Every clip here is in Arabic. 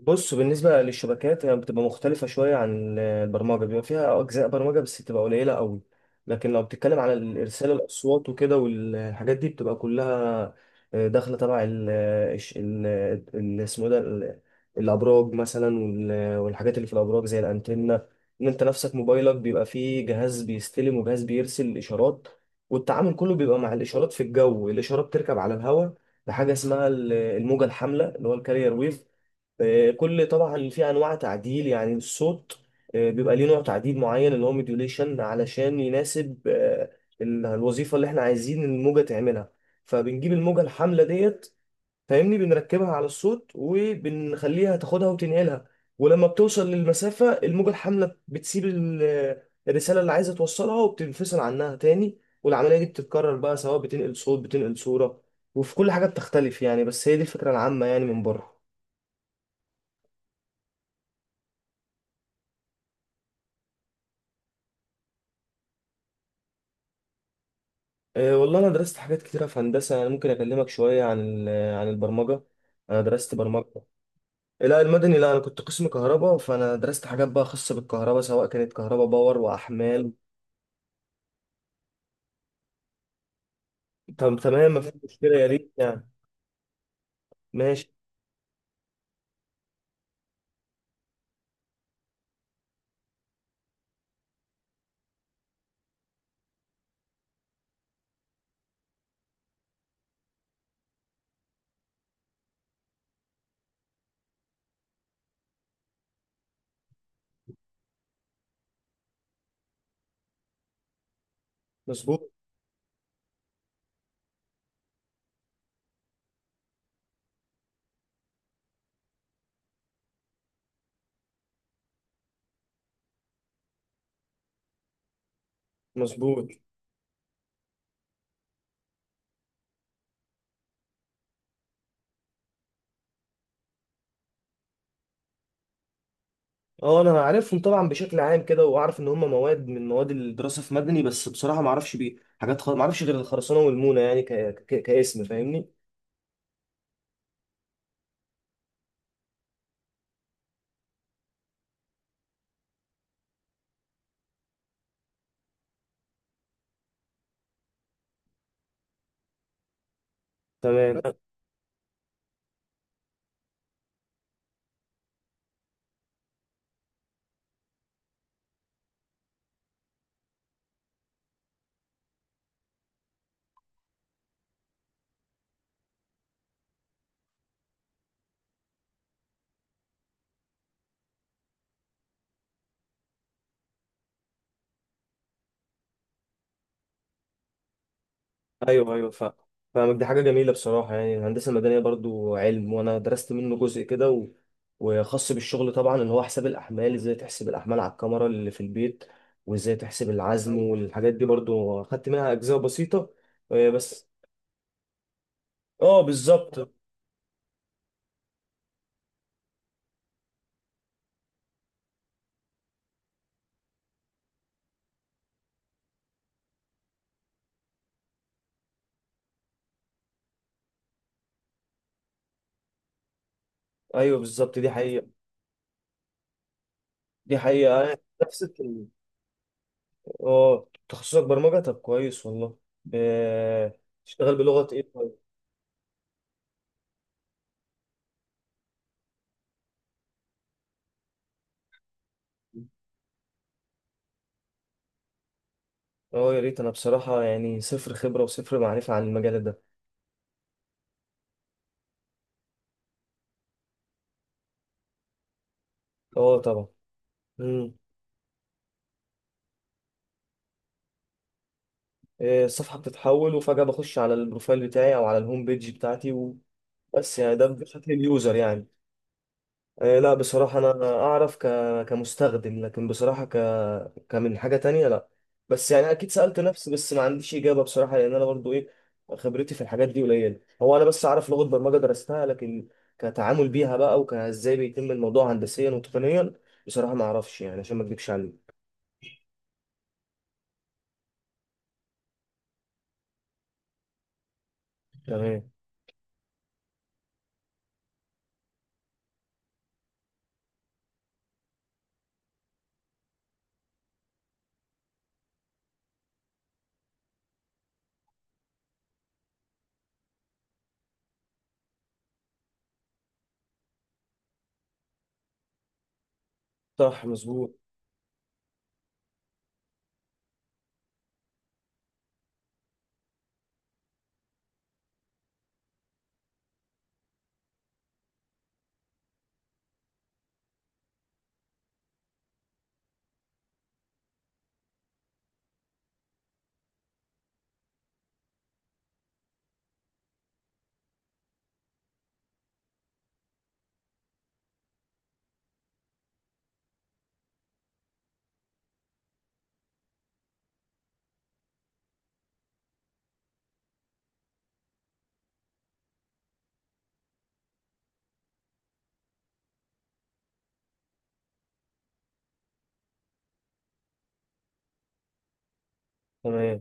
بص، بالنسبة للشبكات هي بتبقى مختلفة شوية عن البرمجة، بيبقى فيها أجزاء برمجة بس بتبقى قليلة قوي. لكن لو بتتكلم على الإرسال الأصوات وكده والحاجات دي بتبقى كلها داخلة تبع ال آه، الش- ال- ال- اسمه ده الأبراج مثلا، والحاجات اللي في الأبراج زي الأنتنة. إن أنت نفسك موبايلك بيبقى فيه جهاز بيستلم وجهاز بيرسل إشارات، والتعامل كله بيبقى مع الإشارات في الجو، الإشارة بتركب على الهواء بحاجة اسمها الموجة الحاملة اللي هو الكارير ويف. كل طبعا في انواع تعديل، يعني الصوت بيبقى ليه نوع تعديل معين اللي هو موديوليشن، علشان يناسب الوظيفه اللي احنا عايزين الموجه تعملها. فبنجيب الموجه الحامله ديت، فاهمني، بنركبها على الصوت وبنخليها تاخدها وتنقلها. ولما بتوصل للمسافه، الموجه الحامله بتسيب الرساله اللي عايزه توصلها وبتنفصل عنها تاني. والعمليه دي بتتكرر بقى، سواء بتنقل صوت بتنقل صوره، وفي كل حاجه بتختلف يعني، بس هي دي الفكره العامه يعني من بره. والله انا درست حاجات كتيره في هندسه، يعني انا ممكن اكلمك شويه عن عن البرمجه. انا درست برمجه. لا، المدني لا، انا كنت قسم كهرباء، فانا درست حاجات بقى خاصه بالكهرباء، سواء كانت كهرباء باور واحمال. طب تمام، مفيش مشكله، يا ريت يعني. ماشي. مظبوط. مظبوط. اه، انا عارفهم طبعا بشكل عام كده، واعرف ان هم مواد من مواد الدراسه في مدني، بس بصراحه ما اعرفش بيه حاجات ما اعرفش غير الخرسانه والمونه يعني، كاسم، فاهمني. تمام. ايوه، ايوه فاهم. فاهمك، دي حاجه جميله بصراحه، يعني الهندسه المدنيه برضو علم، وانا درست منه جزء كده وخاص بالشغل، طبعا اللي هو حساب الاحمال، ازاي تحسب الاحمال على الكاميرا اللي في البيت، وازاي تحسب العزم، والحاجات دي برضو خدت منها اجزاء بسيطه بس. اه بالظبط. ايوه بالظبط، دي حقيقه. دي حقيقه، أنا نفس الت-. اه، تخصصك برمجه؟ طب كويس والله. ب- تشتغل بلغه ايه طيب؟ اه يا ريت، انا بصراحه يعني صفر خبره وصفر معرفه عن المجال ده. اه طبعا. مم. الصفحة بتتحول، وفجأة بخش على البروفايل بتاعي أو على الهوم بيج بتاعتي. وبس، يعني ده بشكل اليوزر يعني. لا بصراحة أنا أعرف كمستخدم، لكن بصراحة كمن حاجة تانية لا. بس يعني أكيد سألت نفسي، بس ما عنديش إجابة بصراحة، لأن أنا برضو إيه، خبرتي في الحاجات دي قليلة. هو أنا بس أعرف لغة برمجة درستها، لكن كتعامل بيها بقى، وكإزاي بيتم الموضوع هندسيا وتقنيا، بصراحة ما أعرفش، يعني عشان ما أكدبش عليك. تمام. صح مظبوط. تمام.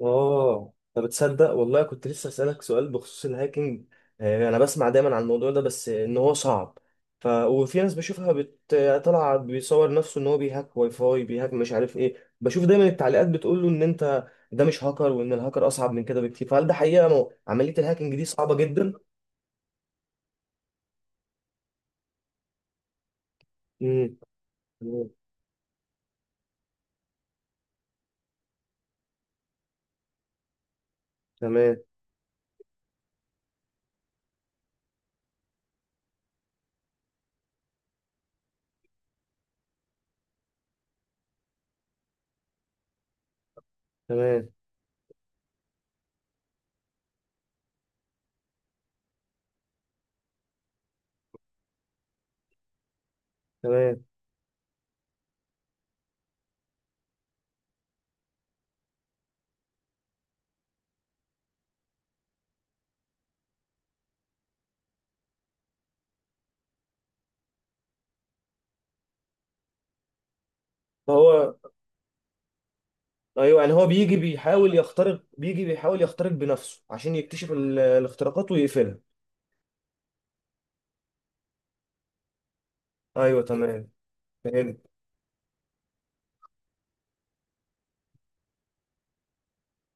اه، طب تصدق والله، كنت لسه اسالك سؤال بخصوص الهاكينج. انا بسمع دايما عن الموضوع ده، بس ان هو صعب. وفي ناس بشوفها طالعه بيصور نفسه ان هو بيهاك واي فاي، بيهاك مش عارف ايه، بشوف دايما التعليقات بتقول له ان انت ده مش هاكر، وان الهاكر اصعب من كده بكتير، فهل ده حقيقه؟ عمليه الهاكينج دي صعبه جدا؟ امم. تمام. تمام، تمام. فهو ايوه، يعني هو بيجي بيحاول يخترق، بيجي بيحاول يخترق بنفسه عشان يكتشف الاختراقات ويقفلها. ايوه تمام. فهمت.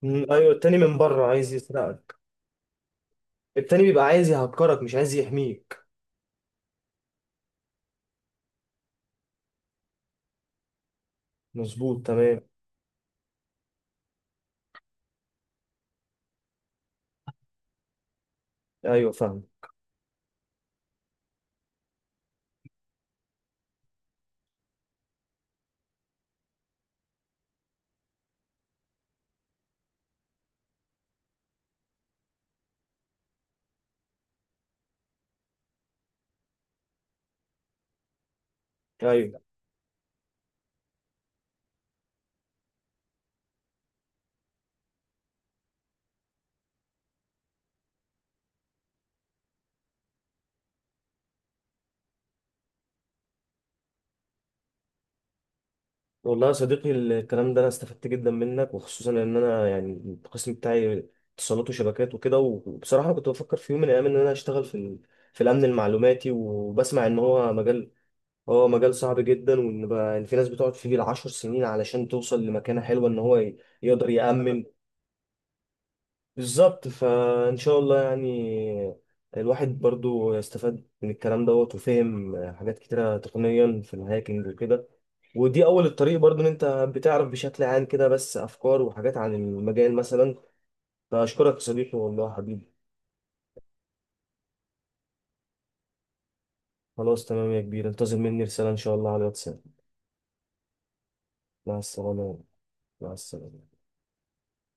مم، ايوه، التاني من بره عايز يسرقك. التاني بيبقى عايز يهكرك مش عايز يحميك. مظبوط تمام. ايوه فاهم. ايوه والله يا صديقي، الكلام ده انا استفدت جدا منك، وخصوصا ان انا يعني القسم بتاعي اتصالات وشبكات وكده. وبصراحه أنا كنت بفكر في يوم من الايام ان انا اشتغل في في الامن المعلوماتي، وبسمع ان هو مجال، هو مجال صعب جدا، وان بقى إن في ناس بتقعد فيه بال10 سنين علشان توصل لمكانه حلوه، ان هو يقدر يأمن. بالظبط، فإن شاء الله يعني الواحد برضو استفاد من الكلام دوت، وفهم حاجات كتيرة تقنيا في الهاكينج وكده، ودي أول الطريق برضو، إن أنت بتعرف بشكل عام كده بس أفكار وحاجات عن المجال مثلا، فأشكرك يا صديقي والله حبيبي. خلاص تمام يا كبير، انتظر مني رسالة إن شاء الله على الواتساب. مع السلامة. مع السلامة.